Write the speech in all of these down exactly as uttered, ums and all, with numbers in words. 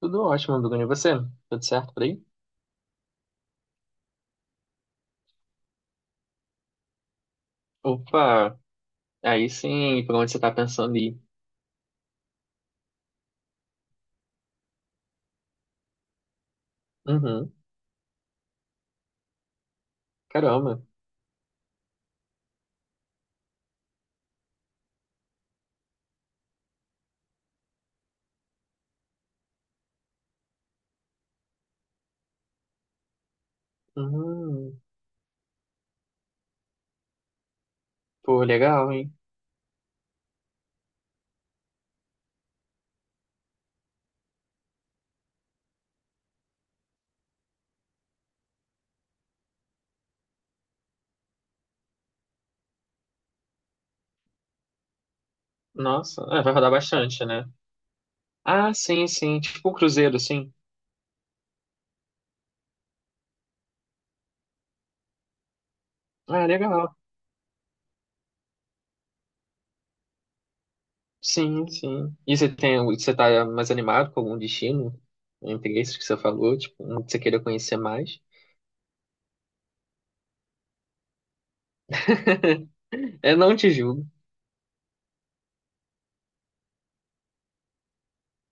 Tudo ótimo, Bruno. E você? Tudo certo por aí? Opa, aí sim, por onde você tá pensando em ir? Uhum, caramba. Uhum, pô, legal, hein? Nossa, é, vai rodar bastante, né? Ah, sim, sim, tipo um cruzeiro, sim. Ah, legal. Sim, sim. E você tem, você tá mais animado com algum destino? Entre esses que você falou, tipo, um que você queira conhecer mais? É, não te julgo.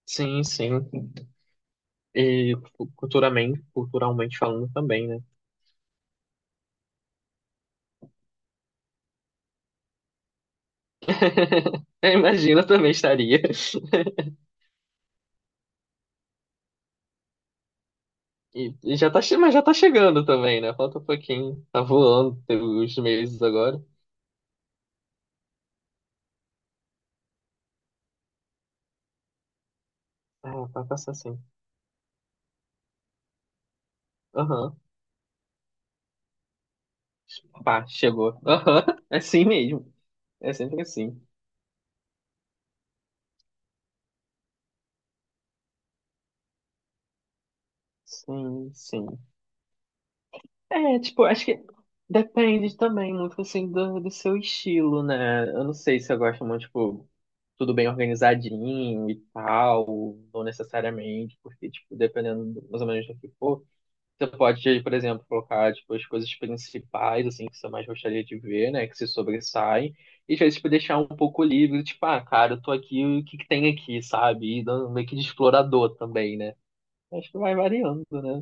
Sim, sim. E culturalmente, culturalmente falando também, né? Eu imagino, eu também estaria. E, e já tá, che- mas já tá chegando também, né? Falta um pouquinho. Tá voando tem os meses agora. Ah, vai passar assim. assim. Aham. Pá, chegou. Aham. É assim mesmo. É sempre assim. Sim, sim. É, tipo, acho que depende também muito, assim, do, do seu estilo, né? Eu não sei se eu gosto muito, tipo, tudo bem organizadinho e tal, não necessariamente, porque, tipo, dependendo do- mais ou menos do que for. Você pode, por exemplo, colocar tipo, as coisas principais assim que você mais gostaria de ver, né? Que se sobressaem. E às vezes tipo, deixar um pouco livre, tipo, ah, cara, eu tô aqui, o que que tem aqui, sabe? E dando meio que de explorador também, né? Acho que vai variando, né?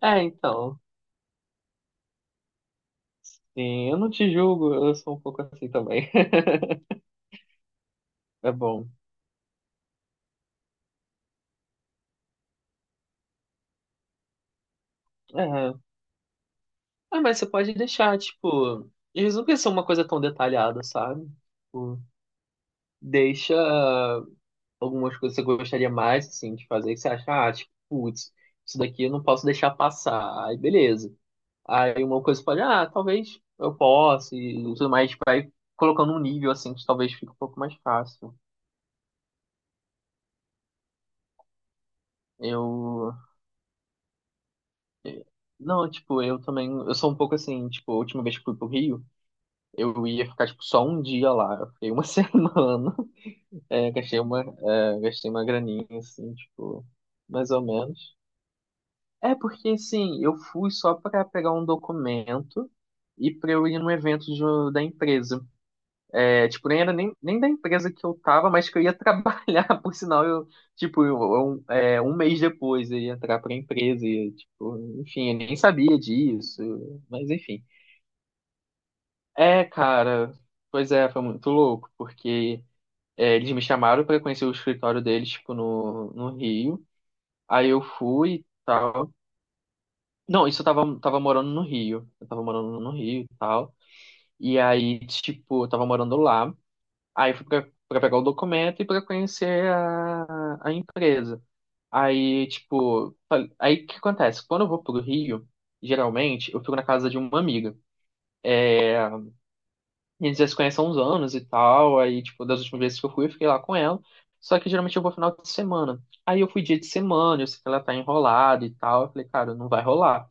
É, então. Sim, eu não te julgo, eu sou um pouco assim também. É bom. É. Ah, mas você pode deixar, tipo. Eles não precisa ser uma coisa tão detalhada, sabe? Tipo, deixa. algumas coisas que você gostaria mais, assim, de fazer, que você acha, ah, tipo, putz, isso daqui eu não posso deixar passar. Aí, beleza. Aí uma coisa pode, ah, talvez eu possa e tudo mais, tipo, vai colocando um nível, assim, que talvez fique um pouco mais fácil. Eu... eh, Não, tipo, eu também, eu sou um pouco assim, tipo, a última vez que fui pro Rio, eu ia ficar, tipo, só um dia lá. Eu fiquei uma semana, é, gastei uma, é, gastei uma graninha, assim, tipo, mais ou menos. É porque, assim, eu fui só pra pegar um documento e pra eu ir num evento de- da empresa. É, tipo, nem era nem, nem da empresa que eu tava, mas que eu ia trabalhar, por sinal, eu, tipo, eu- eu- é, um mês depois eu ia entrar pra empresa e, tipo, enfim, eu nem sabia disso, mas enfim. É, cara, pois é, foi muito louco, porque é, eles me chamaram pra conhecer o escritório deles, tipo, no, no Rio. Aí eu fui e tal. Não, isso eu tava, tava morando no Rio. Eu tava morando no Rio e tal. E aí, tipo, eu tava morando lá. Aí eu fui pra, pra pegar o documento e pra conhecer a, a empresa. Aí, tipo, fal- aí o que acontece? Quando eu vou pro Rio, geralmente, eu fico na casa de uma amiga. E eles já se conhecem há uns anos e tal. Aí, tipo, das últimas vezes que eu fui, eu fiquei lá com ela. Só que geralmente eu vou final de semana. Aí eu fui dia de semana, eu sei que ela tá enrolada e tal. Eu falei, cara, não vai rolar.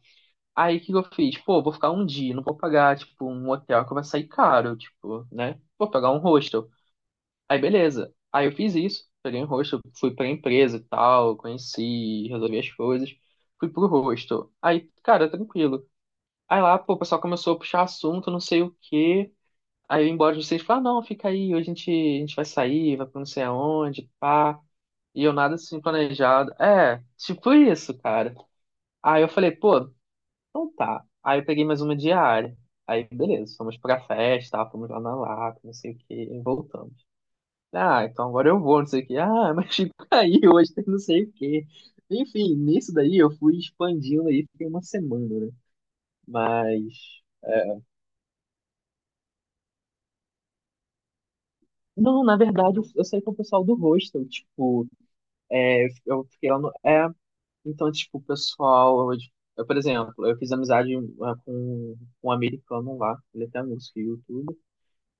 Aí o que que eu fiz? Pô, vou ficar um dia, não vou pagar, tipo, um hotel que vai sair caro, tipo, né? Vou pagar um hostel. Aí beleza. Aí eu fiz isso, peguei um hostel, fui pra empresa e tal, conheci, resolvi as coisas, fui pro hostel. Aí, cara, tranquilo. Aí lá, pô, o pessoal começou a puxar assunto, não sei o quê. Aí eu ia embora de vocês, falar, não, fica aí, hoje a gente, a gente vai sair, vai pra não sei aonde, pá. E eu nada assim planejado. É, tipo isso, cara. Aí eu falei, pô, então tá. Aí eu peguei mais uma diária. Aí, beleza, fomos pra festa, tá? fomos lá na Lapa, não sei o quê, e voltamos. Ah, então agora eu vou, não sei o quê. Ah, mas fica aí, hoje tem não sei o quê. Enfim, nisso daí eu fui expandindo aí, fiquei uma semana, né? Mas. Não, na verdade, eu, eu saí com o pessoal do hostel, tipo, é, eu fiquei lá no. É, então, tipo, o pessoal. Eu, eu, por exemplo, eu fiz amizade é, com um americano lá, ele é até músico e youtuber.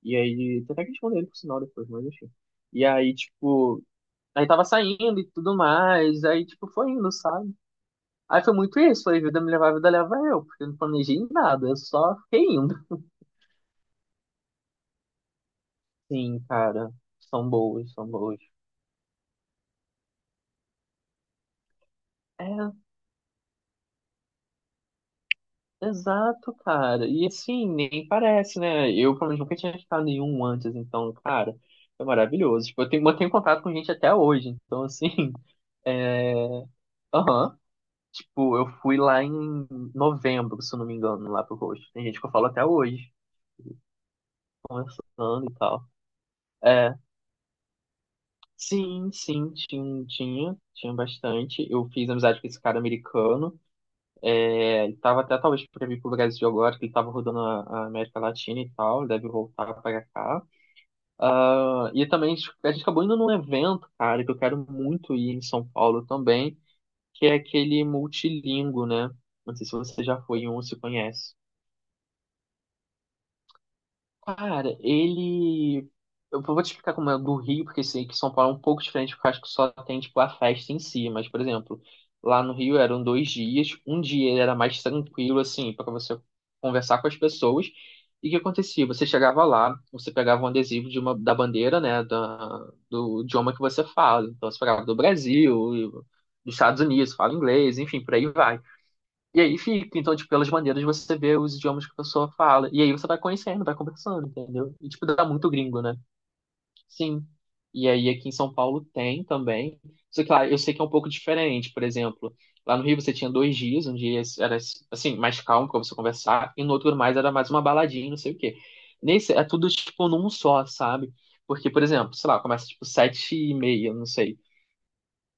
E aí, tem até que responder ele por sinal depois, mas enfim. E aí, tipo, aí tava saindo e tudo mais, aí, tipo, foi indo, sabe? Aí foi muito isso, foi vida me levar, vida leva eu, porque eu não planejei nada, eu só fiquei indo. Sim, cara, são boas, são boas. É, exato, cara. E assim, nem parece, né? Eu, pelo menos, nunca tinha ficado nenhum antes, então, cara, foi maravilhoso. Tipo, eu tenho, mantenho contato com gente até hoje, então, assim, é. Aham. Tipo, eu fui lá em novembro, se eu não me engano, lá pro Roxo. Tem gente que eu falo até hoje, conversando e tal. É, sim, sim, tinha, tinha, tinha bastante. Eu fiz amizade com esse cara americano. É, ele tava até talvez pra vir pro Brasil agora, que ele tava rodando a, a América Latina e tal, deve voltar pra cá. Ah, E também a gente acabou indo num evento, cara, que eu quero muito ir em São Paulo também, que é aquele multilingo, né? Não sei se você já foi em um, se conhece. Cara, ele. Eu vou te explicar como é do Rio, porque sei que São Paulo é um pouco diferente, porque eu acho que só tem, tipo, a festa em si. Mas, por exemplo, lá no Rio eram dois dias. Um dia ele era mais tranquilo, assim, para você conversar com as pessoas. E o que acontecia? Você chegava lá, você pegava um adesivo de uma, da bandeira, né, da, do idioma que você fala. Então, você pegava do Brasil, dos Estados Unidos, fala inglês, enfim, por aí vai. E aí fica, então, tipo, pelas maneiras você vê os idiomas que a pessoa fala. E aí você vai conhecendo, vai conversando, entendeu? E, tipo, dá muito gringo, né? Sim. E aí aqui em São Paulo tem também. Só que lá eu sei que é um pouco diferente, por exemplo. Lá no Rio você tinha dois dias, um dia era, assim, mais calmo pra você conversar, e no outro mais era mais uma baladinha, não sei o quê. Nesse é tudo, tipo, num só, sabe? Porque, por exemplo, sei lá, começa, tipo, sete e meia, não sei.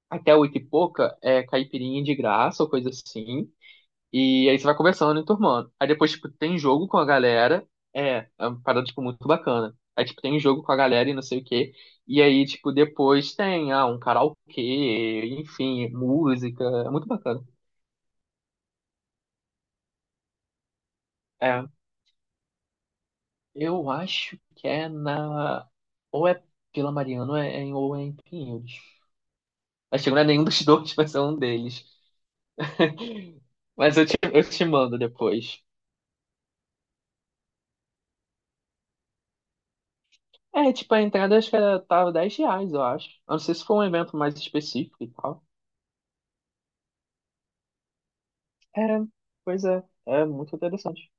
Até oito e pouca é caipirinha de graça ou coisa assim. E aí você vai conversando e turmando. Aí depois, tipo, tem jogo com a galera. É, é uma parada, tipo, muito bacana. Aí, tipo, tem jogo com a galera e não sei o quê. E aí, tipo, depois tem, ah, um karaokê, enfim, música. É muito bacana. É, eu acho que é na... Ou é Vila Mariana ou é, é em- ou é em Pinheiros. Acho que não é nenhum dos dois, mas é um deles. Mas eu te, eu te mando depois. É, tipo, a entrada acho que era, tava dez reais, eu acho. Eu não sei se foi um evento mais específico e tal. É, pois é, é muito interessante.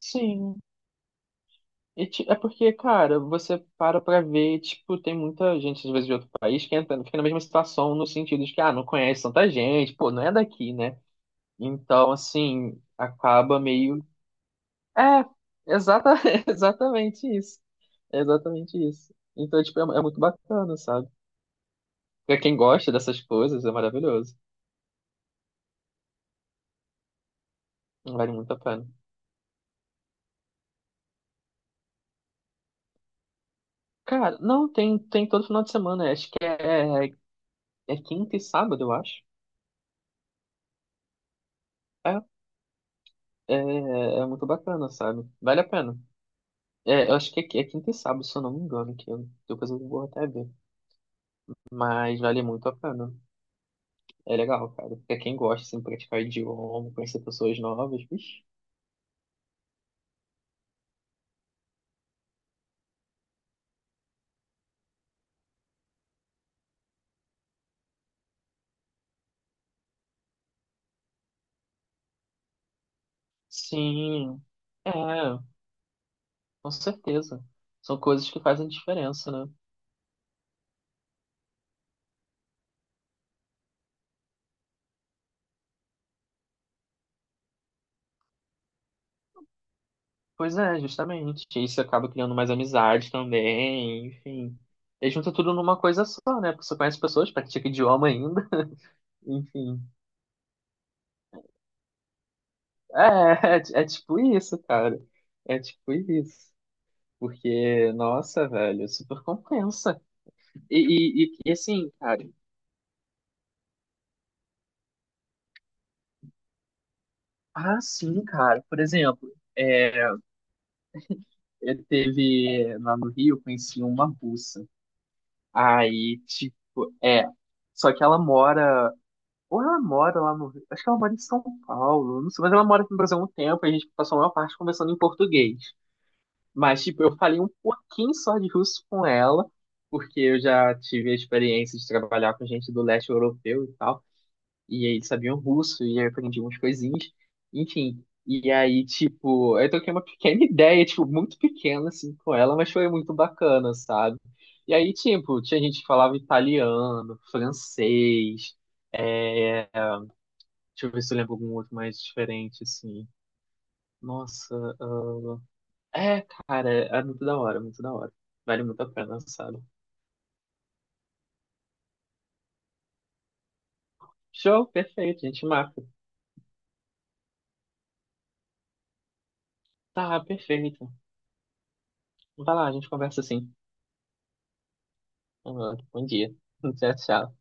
Sim, e, ti- é porque, cara, você para pra ver, tipo, tem muita gente, às vezes, de outro país que entra, fica na mesma situação, no sentido de que, ah, não conhece tanta gente, pô, não é daqui, né? Então, assim, acaba meio. É, exata... exatamente isso. É exatamente isso. Então, tipo, é, é muito bacana, sabe? Pra quem gosta dessas coisas, é maravilhoso. Vale muito a pena. Cara, não, tem, tem todo final de semana, acho que é, é quinta e sábado, eu acho. É, é, é é muito bacana, sabe? Vale a pena. É, eu acho que é, qui- é quinta e sábado, se eu não me engano, que eu, depois eu vou até ver. Mas vale muito a pena. É legal, cara. Pra quem gosta, assim, praticar idioma, conhecer pessoas novas, bicho. Sim, é, com certeza. São coisas que fazem diferença, né? Pois é, justamente. Isso acaba criando mais amizade também, enfim. E junta tudo numa coisa só, né? Porque você conhece pessoas, pratica idioma ainda, enfim. É, é, é tipo isso, cara. É tipo isso. Porque, nossa, velho, é super compensa. E, e, e assim, cara. Ah, sim, cara. Por exemplo, é, eu teve lá no Rio, eu conheci uma russa. Aí, tipo, é. Só que ela mora. Ou ela mora lá no Rio. Acho que ela mora em São Paulo. Não sei, mas ela mora aqui no Brasil há um tempo. e A gente passou a maior parte conversando em português. Mas, tipo, eu falei um pouquinho só de russo com ela, porque eu já tive a experiência de trabalhar com gente do leste europeu e tal, e aí eles sabiam russo, e aí eu aprendi umas coisinhas, enfim. E aí, tipo, eu troquei uma pequena ideia, tipo, muito pequena, assim, com ela, mas foi muito bacana, sabe? E aí, tipo, tinha gente que falava italiano, francês, é... deixa eu ver se eu lembro algum outro mais diferente, assim. Nossa, ah, é, cara, é muito da hora, muito da hora. Vale muito a pena, sabe? Show, perfeito, a gente marca. Tá, perfeito. Vai lá, a gente conversa assim. Bom dia. Tchau, tchau.